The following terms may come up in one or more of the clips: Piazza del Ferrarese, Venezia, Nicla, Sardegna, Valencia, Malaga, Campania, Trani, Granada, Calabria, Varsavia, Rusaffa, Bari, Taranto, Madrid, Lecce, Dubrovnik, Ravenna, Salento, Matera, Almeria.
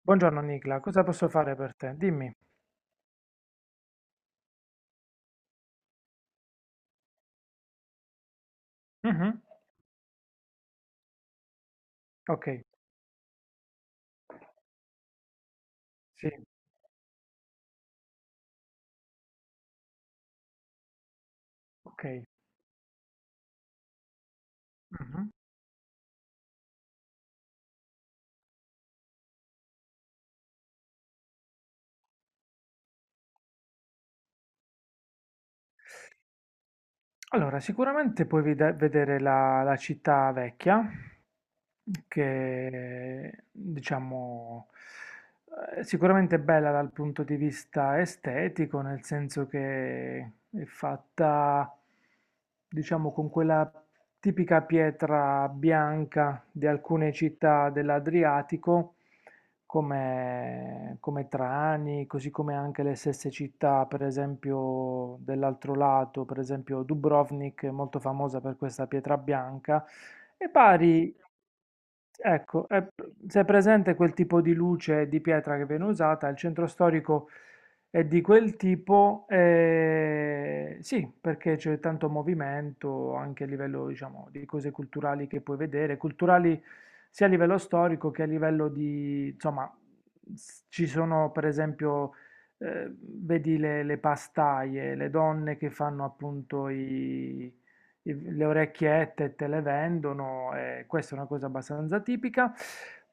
Buongiorno Nicla, cosa posso fare per te? Dimmi. Mhm. Ok, sì, ok. Mhm. Allora, sicuramente puoi vedere la città vecchia, che diciamo sicuramente è bella dal punto di vista estetico, nel senso che è fatta diciamo con quella tipica pietra bianca di alcune città dell'Adriatico, come Trani, così come anche le stesse città, per esempio dell'altro lato, per esempio Dubrovnik è molto famosa per questa pietra bianca. E pari Ecco, è se è presente quel tipo di luce di pietra che viene usata, il centro storico è di quel tipo, sì, perché c'è tanto movimento anche a livello, diciamo, di cose culturali che puoi vedere, culturali sia a livello storico che a livello di, insomma, ci sono per esempio, vedi le pastaie, le donne che fanno appunto le orecchiette te le vendono, e questa è una cosa abbastanza tipica.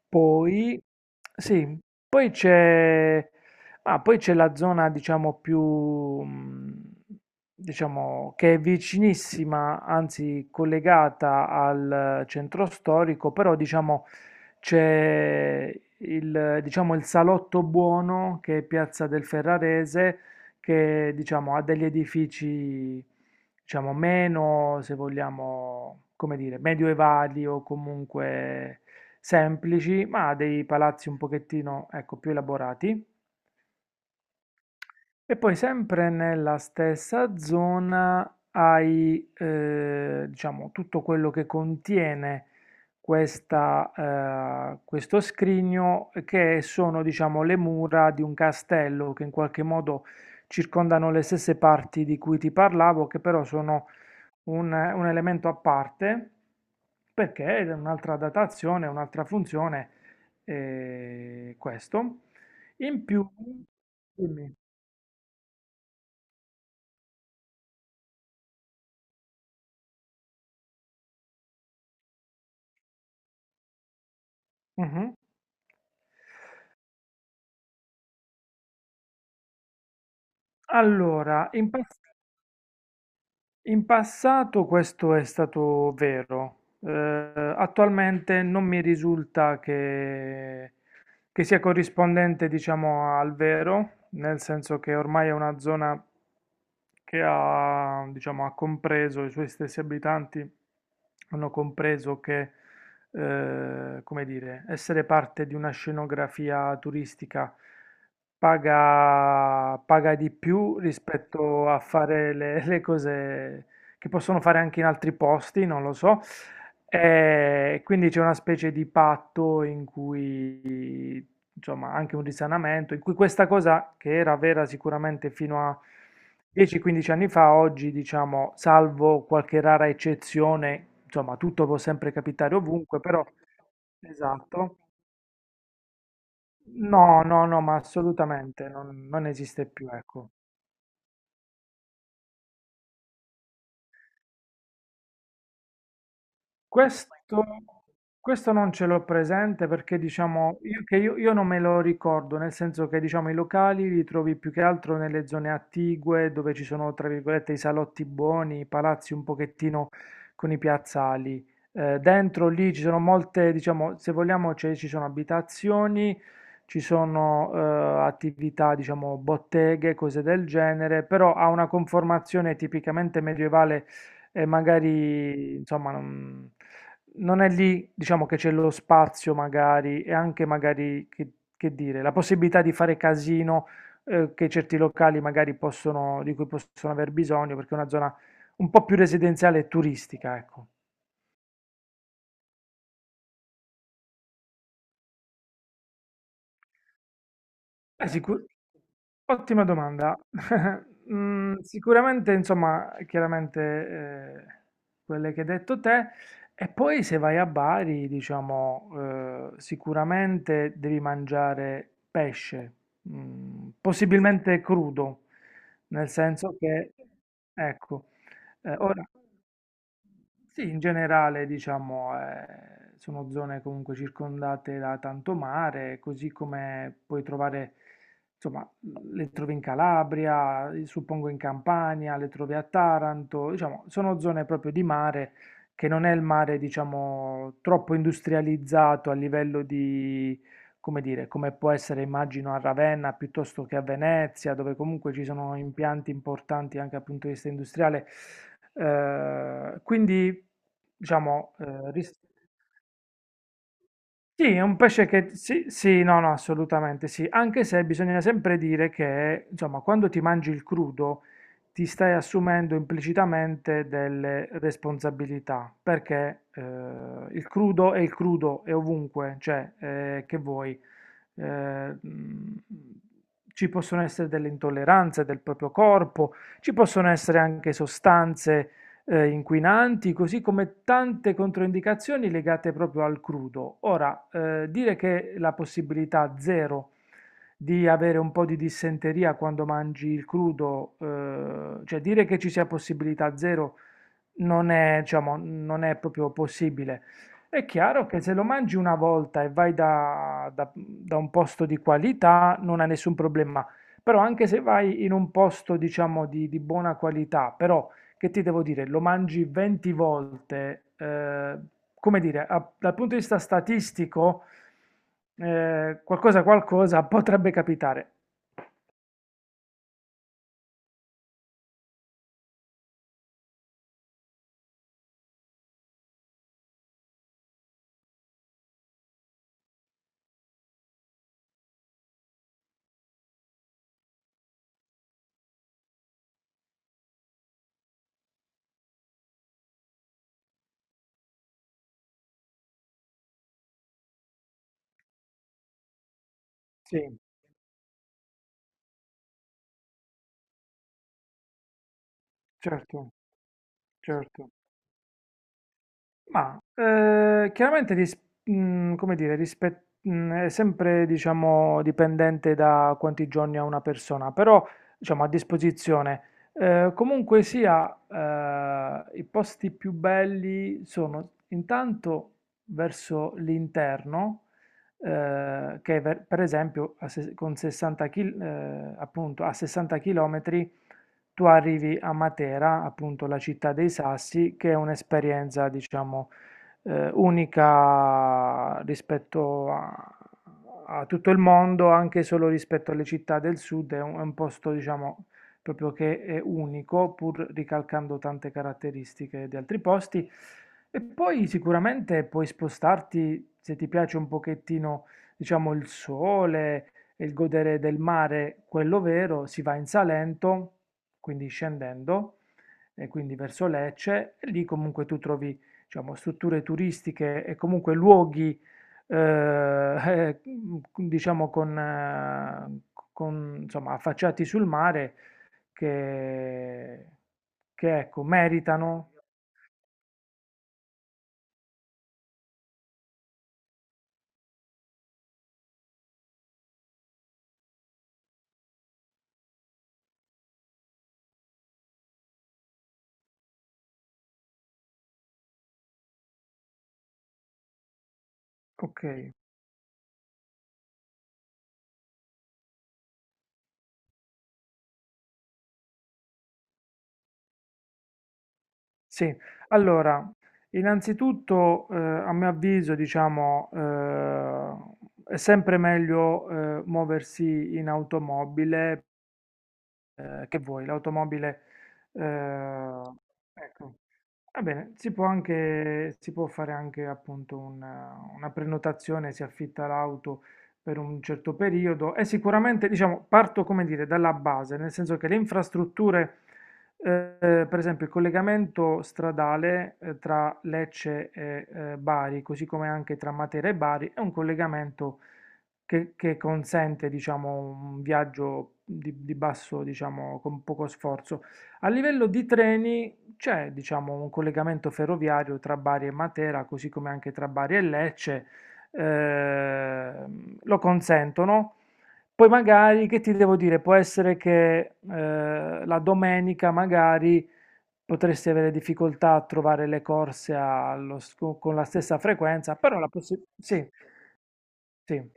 Poi, sì, poi c'è poi c'è la zona, diciamo, più, diciamo, che è vicinissima, anzi collegata al centro storico, però, diciamo, c'è il Salotto Buono, che è Piazza del Ferrarese, che, diciamo, ha degli edifici diciamo, meno, se vogliamo, come dire, medioevali o comunque semplici, ma dei palazzi un pochettino, ecco, più elaborati. E poi sempre nella stessa zona hai, diciamo, tutto quello che contiene questa, questo scrigno che sono, diciamo, le mura di un castello che in qualche modo circondano le stesse parti di cui ti parlavo, che però sono un elemento a parte perché è un'altra datazione, un'altra funzione, questo. In più, dimmi. Mh-mh. Allora, in passato questo è stato vero. Attualmente non mi risulta che sia corrispondente, diciamo, al vero, nel senso che ormai è una zona che ha compreso, i suoi stessi abitanti hanno compreso che, come dire, essere parte di una scenografia turistica paga di più rispetto a fare le cose che possono fare anche in altri posti, non lo so. E quindi c'è una specie di patto in cui, insomma, anche un risanamento, in cui questa cosa che era vera sicuramente fino a 10-15 anni fa, oggi, diciamo, salvo qualche rara eccezione, insomma, tutto può sempre capitare ovunque, però. Esatto. No, no, no, ma assolutamente non esiste più, ecco. Questo, questo non ce l'ho presente perché diciamo io non me lo ricordo, nel senso che diciamo i locali li trovi più che altro nelle zone attigue dove ci sono tra virgolette i salotti buoni, i palazzi un pochettino con i piazzali. Dentro lì ci sono molte, diciamo, se vogliamo ci sono abitazioni, ci sono attività, diciamo, botteghe, cose del genere, però ha una conformazione tipicamente medievale e magari insomma non è lì, diciamo che c'è lo spazio magari e anche magari che dire, la possibilità di fare casino che certi locali magari di cui possono aver bisogno perché è una zona un po' più residenziale e turistica, ecco. Beh, sicu ottima domanda. Sicuramente insomma, chiaramente, quelle che hai detto te e poi se vai a Bari diciamo, sicuramente devi mangiare pesce, possibilmente crudo, nel senso che ecco, ora sì, in generale, diciamo, sono zone comunque circondate da tanto mare, così come puoi trovare, insomma, le trovi in Calabria, suppongo in Campania, le trovi a Taranto, diciamo, sono zone proprio di mare che non è il mare, diciamo, troppo industrializzato a livello di come dire, come può essere immagino a Ravenna piuttosto che a Venezia, dove comunque ci sono impianti importanti anche dal punto di vista industriale. Quindi, diciamo, sì, è un pesce che sì, sì, no, no, assolutamente sì, anche se bisogna sempre dire che, insomma, quando ti mangi il crudo ti stai assumendo implicitamente delle responsabilità, perché il crudo, è ovunque, cioè, che vuoi eh, mh, ci possono essere delle intolleranze del proprio corpo, ci possono essere anche sostanze inquinanti, così come tante controindicazioni legate proprio al crudo. Ora, dire che la possibilità zero di avere un po' di dissenteria quando mangi il crudo, cioè dire che ci sia possibilità zero non è, diciamo, non è proprio possibile. È chiaro che se lo mangi una volta e vai da un posto di qualità non ha nessun problema, però anche se vai in un posto, diciamo, di buona qualità, però che ti devo dire, lo mangi 20 volte, come dire, dal punto di vista statistico, qualcosa, qualcosa potrebbe capitare. Sì, certo, certo. Ma chiaramente come dire, è sempre diciamo, dipendente da quanti giorni ha una persona, però diciamo, a disposizione. Comunque sia, i posti più belli sono intanto verso l'interno, per esempio a se- appunto, a 60 km tu arrivi a Matera, appunto la città dei sassi, che è un'esperienza, diciamo, unica rispetto a tutto il mondo, anche solo rispetto alle città del sud, è un posto, diciamo, proprio che è unico, pur ricalcando tante caratteristiche di altri posti. E poi sicuramente puoi spostarti, se ti piace un pochettino, diciamo, il sole e il godere del mare, quello vero, si va in Salento quindi scendendo, e quindi verso Lecce, e lì comunque tu trovi, diciamo, strutture turistiche e comunque luoghi, eh, eh, diciamo, con, insomma, affacciati sul mare che, che ecco, meritano. Ok, sì. Allora, innanzitutto, a mio avviso, diciamo, è sempre meglio muoversi in automobile che vuoi, l'automobile, eh, ecco. Va bene, si può fare anche appunto una prenotazione, si affitta l'auto per un certo periodo e sicuramente, diciamo, parto, come dire, dalla base, nel senso che le infrastrutture, per esempio il collegamento stradale, tra Lecce e Bari, così come anche tra Matera e Bari, è un collegamento che consente, diciamo, un viaggio di basso, diciamo, con poco sforzo. A livello di treni c'è, diciamo, un collegamento ferroviario tra Bari e Matera, così come anche tra Bari e Lecce, lo consentono. Poi magari, che ti devo dire, può essere che la domenica magari potresti avere difficoltà a trovare le corse con la stessa frequenza, però la possibilità. Sì, sì,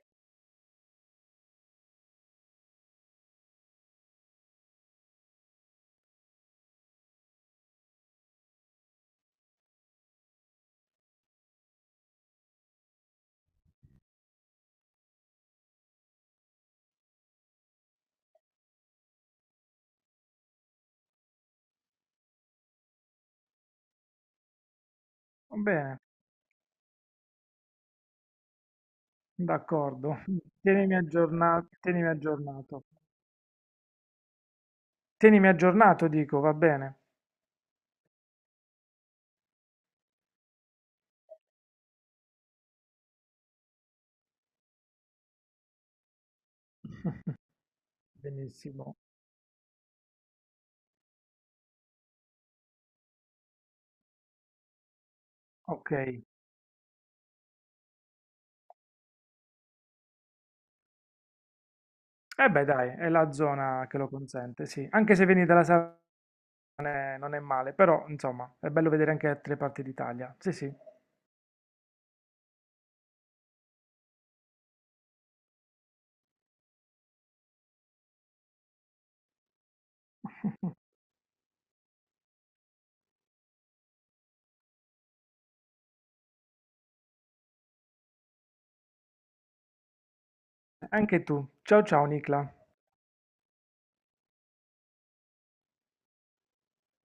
va bene. D'accordo, tienimi aggiornato, tienimi aggiornato. Tienimi aggiornato, dico, va bene. Benissimo, ok. Eh beh, dai, è la zona che lo consente, sì. Anche se vieni dalla Sardegna non è male, però, insomma, è bello vedere anche altre parti d'Italia. Sì, sì. Anche tu. Ciao, ciao, Nicla.